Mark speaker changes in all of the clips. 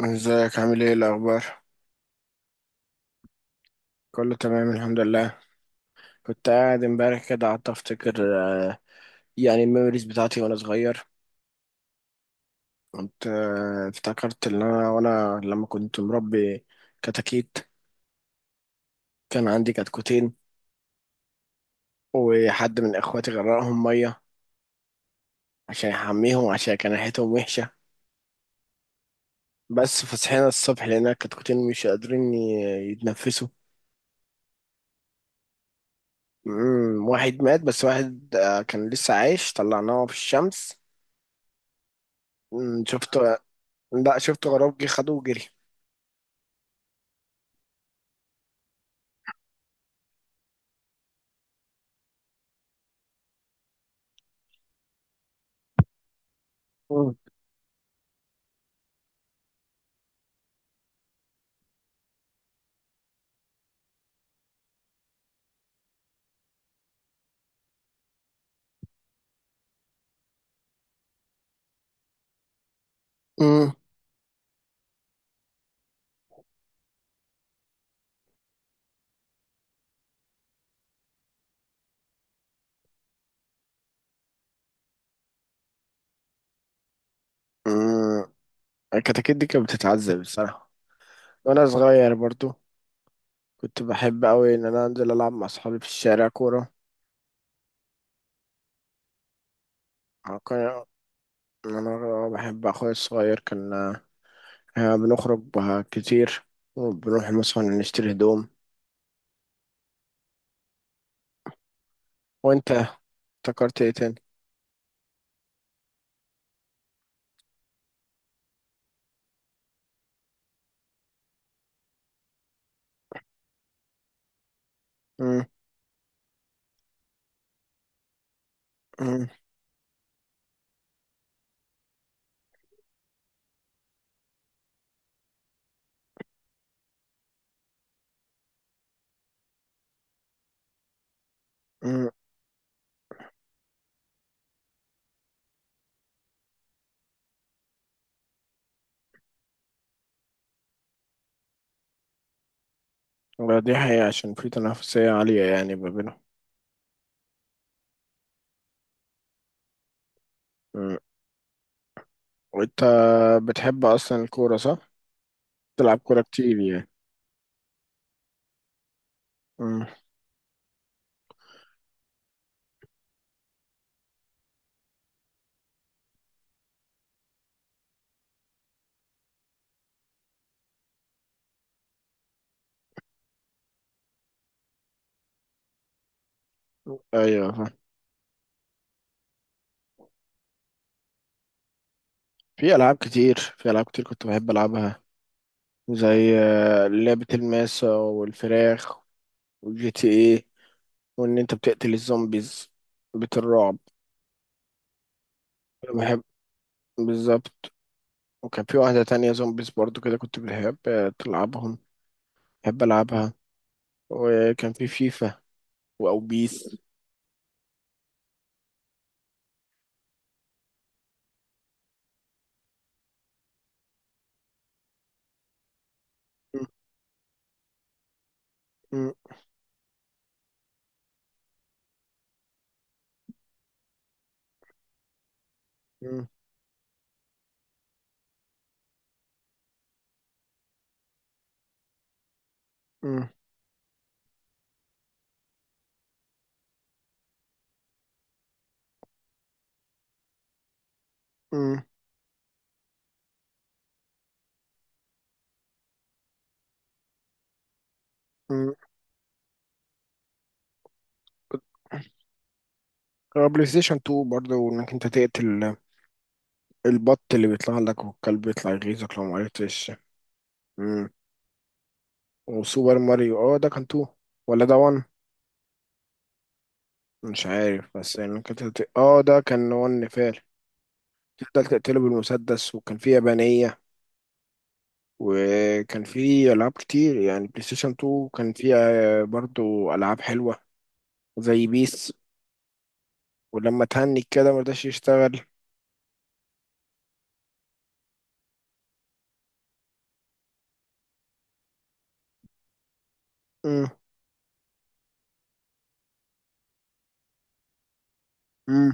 Speaker 1: ازيك، عامل ايه الاخبار؟ كله تمام الحمد لله. كنت قاعد امبارح كده قعدت افتكر. آه، يعني الميموريز بتاعتي وانا صغير. كنت افتكرت ان انا وانا لما كنت مربي كتاكيت. كان عندي كتكوتين. وحد من اخواتي غرقهم ميه عشان يحميهم، عشان كان ريحتهم وحشه. بس فصحينا الصبح لقينا الكتكوتين مش قادرين يتنفسوا. واحد مات، بس واحد كان لسه عايش طلعناه في الشمس. شفته. لا، شفت غراب جه خده وجري. مم. مم. مم. الكتاكيت دي كانت بتتعذب الصراحة. وأنا صغير برضو كنت بحب أوي إن أنا أنزل ألعب مع أصحابي في الشارع كورة. كان أنا بحب أخويا الصغير، كان بنخرج بها كتير، وبنروح مثلا نشتري هدوم. وأنت افتكرت إيه تاني؟ مم. مم. مم. لا، دي حقيقة عشان في تنافسية عالية يعني ما بينهم. مم. وأنت بتحب أصلا الكورة صح؟ تلعب كورة كتير يعني. مم. أيوه، في ألعاب كتير كنت بحب ألعبها. زي لعبة الماسة والفراخ، والجي تي ايه، وإن أنت بتقتل الزومبيز، بيت الرعب. أنا بحب. بالظبط. وكان في واحدة تانية زومبيز برضو كده، كنت بحب تلعبهم، بحب ألعبها. وكان في فيفا وأو بيس. م- م- م- م- م- م. بلاي ستيشن 2 برضه، وإنك أنت تقتل البط اللي بيطلع لك والكلب بيطلع يغيظك لو معرفتش. وسوبر ماريو، اه ده كان تو ولا ده وان؟ مش عارف بس يعني كانت اه، ده كان وان فعلا. تفضل تقتله بالمسدس، وكان فيه يابانية. وكان فيه ألعاب كتير يعني، بلاي ستيشن 2 كان فيه برضو ألعاب حلوة، زي بيس. ولما تهنج كده مرضاش يشتغل. مم. مم.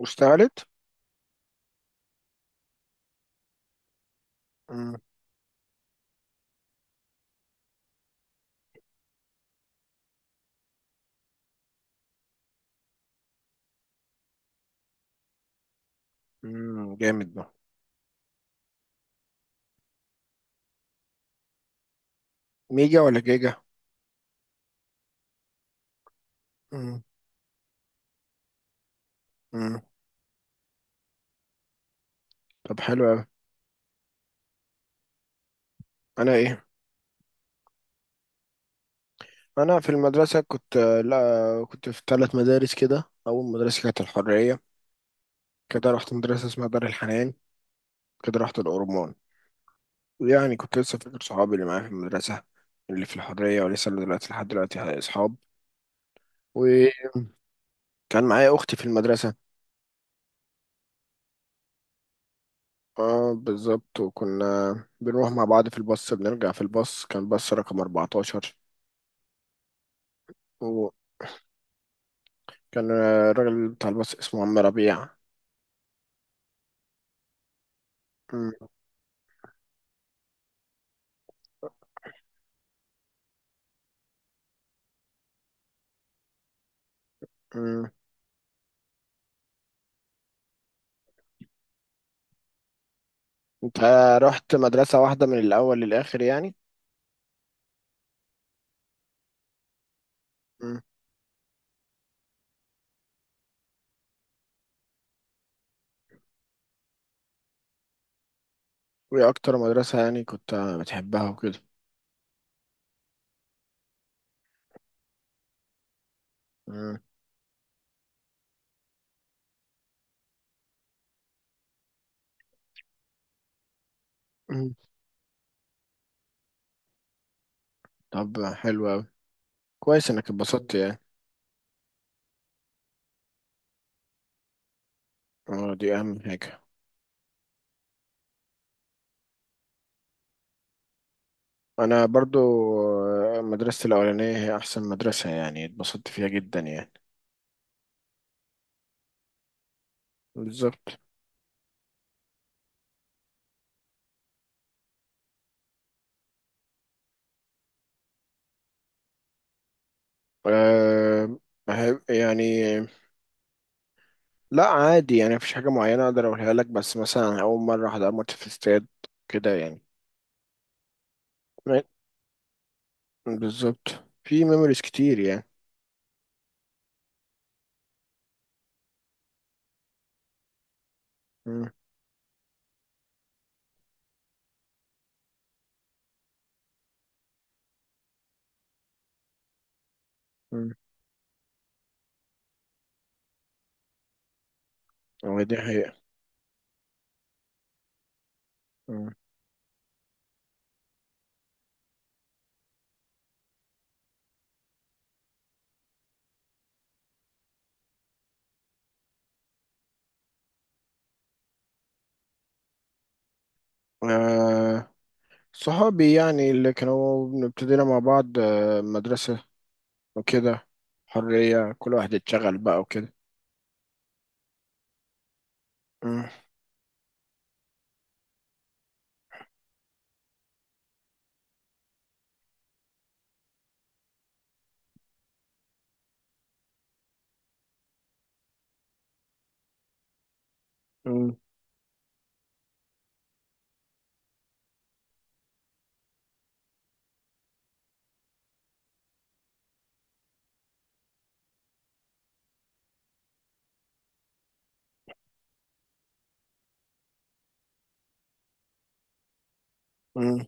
Speaker 1: واشتغلت؟ مم. مم. جامد ده. ميجا ولا جيجا؟ مم. مم. طب حلو أوي. أنا إيه؟ انا في المدرسه كنت. لا، كنت في ثلاث مدارس. كده اول مدرسه كانت الحريه، كده رحت مدرسه اسمها دار الحنان، كده رحت الاورمون. يعني كنت لسه فاكر صحابي اللي معايا في المدرسه، اللي في الحريه، ولسه اللي دلوقتي لحد دلوقتي اصحاب. وكان معايا اختي في المدرسه. اه بالظبط، وكنا بنروح مع بعض في الباص، بنرجع في الباص. كان باص رقم 14. وكان الراجل بتاع الباص اسمه عم ربيع. م- م. انت رحت مدرسه واحده من الاول للاخر يعني؟ وإيه أكتر مدرسة يعني كنت بتحبها وكده؟ مم. مم. طب حلو أوي، كويس إنك اتبسطت يعني. أه، دي أهم حاجة. أنا برضو مدرستي الأولانية هي أحسن مدرسة، يعني اتبسطت فيها جدا يعني. بالظبط. أه، يعني لا، عادي يعني، مفيش حاجة معينة أقدر أقولها لك، بس مثلا أول مرة أحضر ماتش في استاد كده يعني. م- بالظبط. في ميموريز كتير يعني. مم. مم. هو دي حقيقة. مم. آه، صحابي يعني اللي كانوا ابتدينا مع بعض مدرسة وكده. حرية كل واحد اتشغل بقى وكده. مم. مم. مم.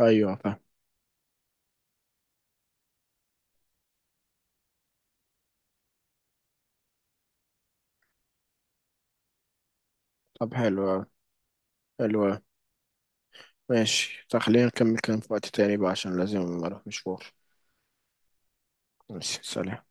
Speaker 1: أيوة فاهم. طب حلو أوي، حلو أوي. ماشي، طب خلينا نكمل كلام في وقت تاني بقى، عشان لازم أروح مشوار. ماشي سلام.